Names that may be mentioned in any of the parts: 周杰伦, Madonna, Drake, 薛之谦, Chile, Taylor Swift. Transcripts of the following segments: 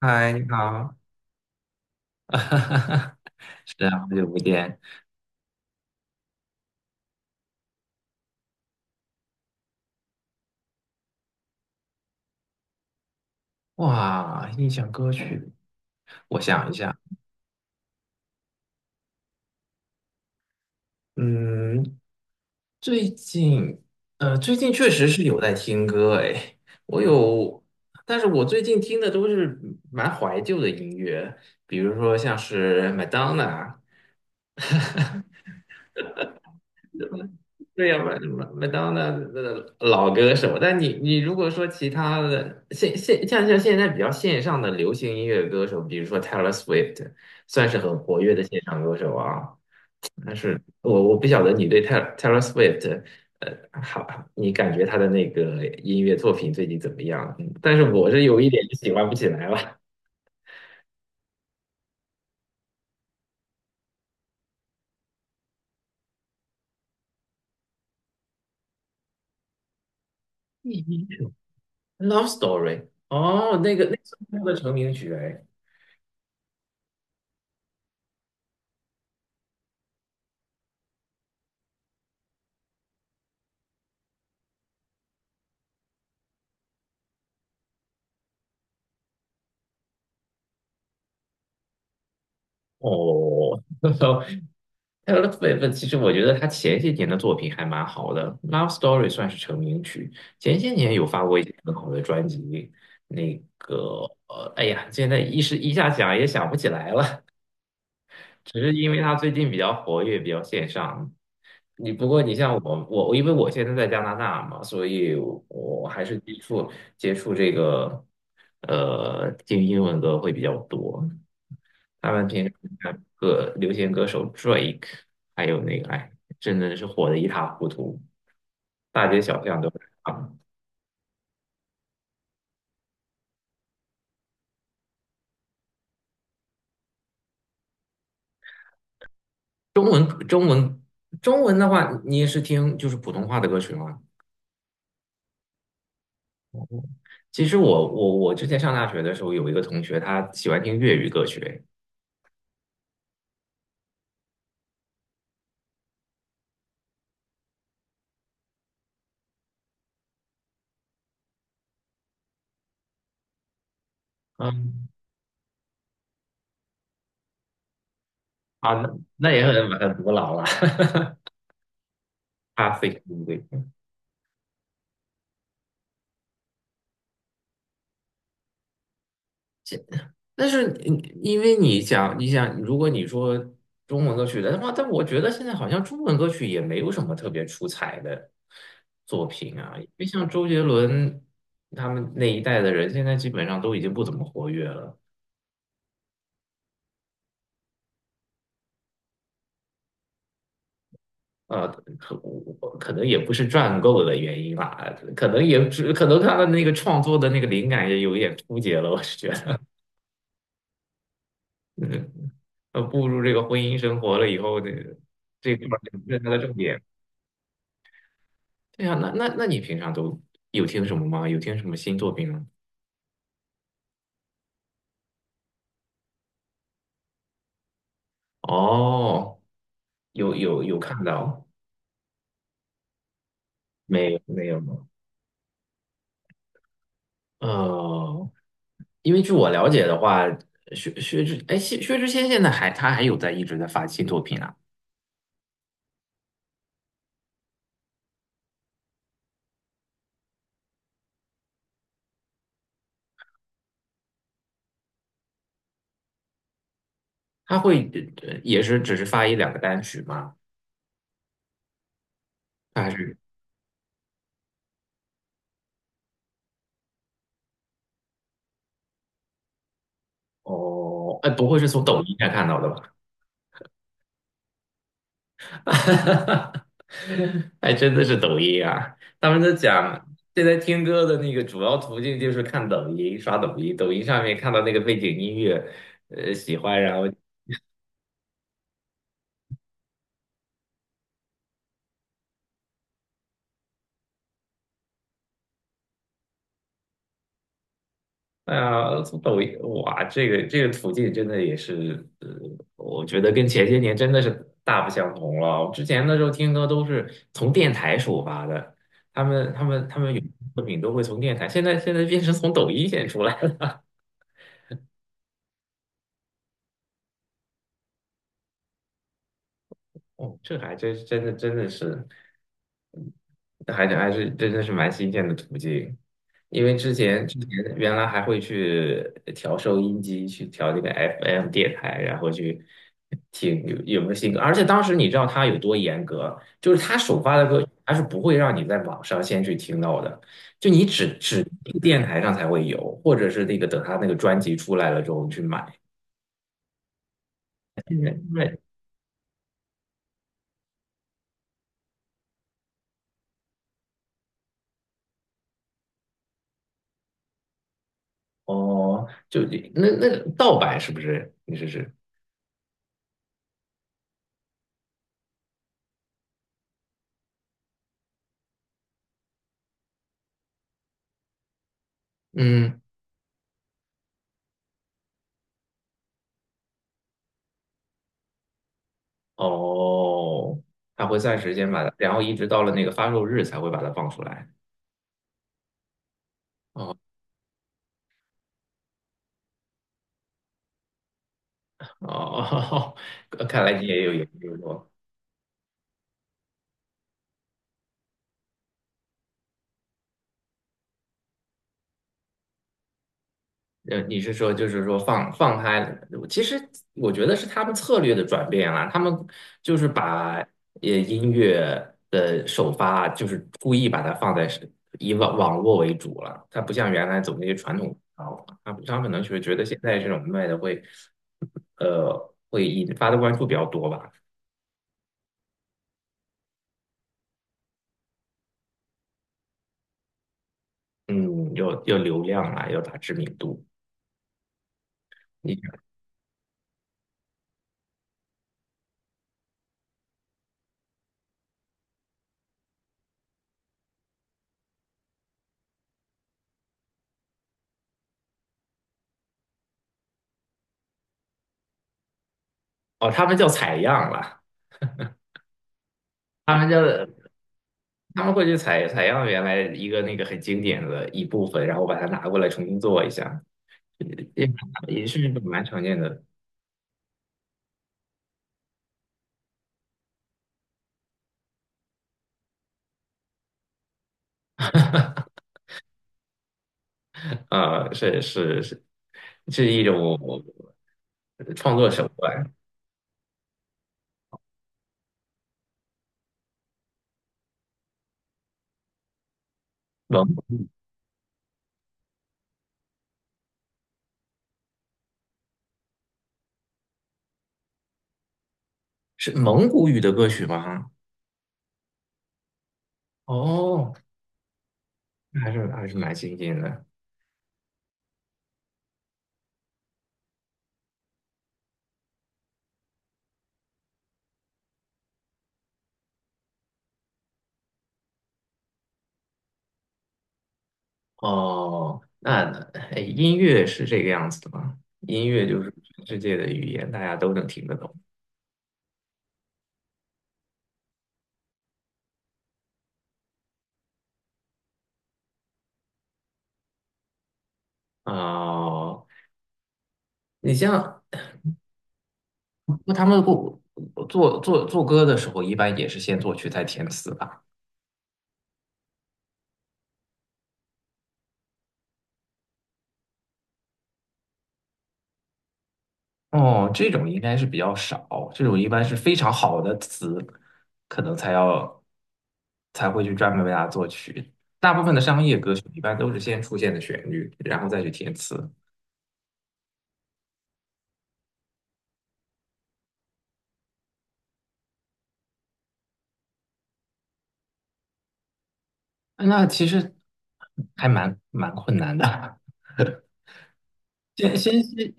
嗨，你好，是啊，好久不见。哇，印象歌曲，我想一下，嗯，最近，最近确实是有在听歌，哎，我有，但是我最近听的都是蛮怀旧的音乐，比如说像是 Madonna，对呀，麦当娜的老歌手，但你如果说其他的像现在比较线上的流行音乐歌手，比如说 Taylor Swift，算是很活跃的线上歌手啊。但是我不晓得你对 Taylor Swift,好，你感觉他的那个音乐作品最近怎么样？嗯但是我是有一点喜欢不起来了。Love Story，哦，那是他的成名曲哎。哦，呃 l o v l 其实我觉得他前些年的作品还蛮好的，《Love Story》算是成名曲，前些年有发过一些很好的专辑。那个，哎呀，现在一时一下想也想不起来了。只是因为他最近比较活跃，比较线上。你不过你像我，我因为我现在在加拿大嘛，所以我还是接触这个听英文歌会比较多。他们平时看歌流行歌手 Drake，还有那个哎，真的是火的一塌糊涂，大街小巷都是他们中文中文中文的话，你也是听就是普通话的歌曲吗？其实我之前上大学的时候，有一个同学，他喜欢听粤语歌曲，嗯啊，那那也很古老了，他非常对。但是你因为你想，如果你说中文歌曲的话，但我觉得现在好像中文歌曲也没有什么特别出彩的作品啊，因为像周杰伦他们那一代的人，现在基本上都已经不怎么活跃了。呃，可可能也不是赚够的原因吧，可能他的那个创作的那个灵感也有一点枯竭了，我是觉得，嗯步入这个婚姻生活了以后，这块儿不是他的重点。对呀，那你平常都有听什么吗？有听什么新作品吗？哦，有看到，没有没有吗？呃，因为据我了解的话，薛之谦现在他还有在一直在发新作品啊。他会也是只是发一两个单曲吗？他还是哦，哎，不会是从抖音上看到的吧？还真的是抖音啊！他们都讲，现在听歌的那个主要途径就是看抖音，刷抖音，抖音上面看到那个背景音乐，喜欢，然后哎呀，从抖音哇，这个途径真的也是，我觉得跟前些年真的是大不相同了。之前的时候听歌都是从电台首发的，他们有作品都会从电台，现在变成从抖音先出来了。哦，这还真的是。那还真还是真的是蛮新鲜的途径，因为之前原来还会去调收音机，去调那个 FM 电台，然后去听有没有新歌。而且当时你知道他有多严格，就是他首发的歌，他是不会让你在网上先去听到的，就你只电台上才会有，或者是那个等他那个专辑出来了之后你去买。对，哦，就那个盗版是不是？你试试。嗯。哦，它会算时间把它，然后一直到了那个发售日才会把它放出来。哦哦，看来你也有研究过。你是说就是说放开，其实我觉得是他们策略的转变啦、他们就是把音乐的首发，就是故意把它放在是以网络为主了。它不像原来走那些传统渠道了，他们可能是觉得现在这种卖的会引发的关注比较多吧。嗯，有流量啦，有打知名度。你哦，他们叫采样了，他们叫他们会去采样原来一个那个很经典的一部分，然后把它拿过来重新做一下，也也是蛮常见的。是是是，是一种创作手段。蒙古是蒙古语的歌曲吗？哦，那还是蛮新鲜的。哦，那哎，音乐是这个样子的吗？音乐就是全世界的语言，大家都能听得懂。哦，你像那他们不做歌的时候，一般也是先作曲再填词吧？哦，这种应该是比较少，这种一般是非常好的词，可能才会去专门为它作曲。大部分的商业歌曲一般都是先出现的旋律，然后再去填词。那其实还蛮困难的。先是，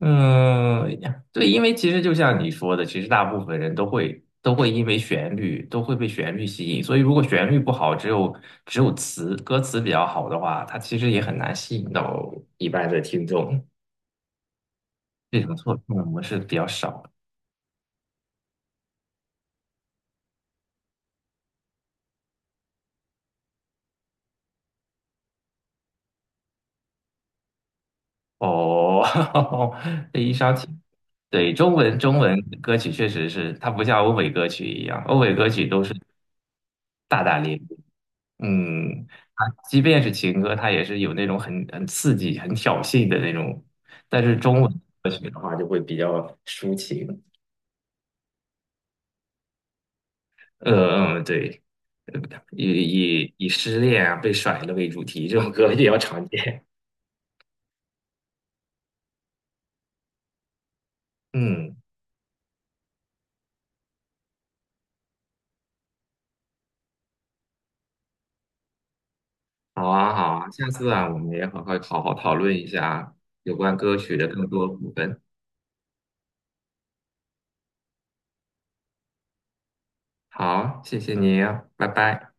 嗯，对，因为其实就像你说的，其实大部分人都会因为旋律都会被旋律吸引，所以如果旋律不好，只有歌词比较好的话，它其实也很难吸引到一般的听众。这种错判的模式比较少。哦，这一烧情，对，中文歌曲确实是，它不像欧美歌曲一样，欧美歌曲都是大大咧咧，嗯，它即便是情歌，它也是有那种很刺激、很挑衅的那种，但是中文歌曲的话就会比较抒情，对，呃以失恋啊、被甩了为主题，这种歌比较常见，嗯。好啊，好啊，下次啊，我们也好好讨论一下有关歌曲的更多部分。好，谢谢你啊，拜拜。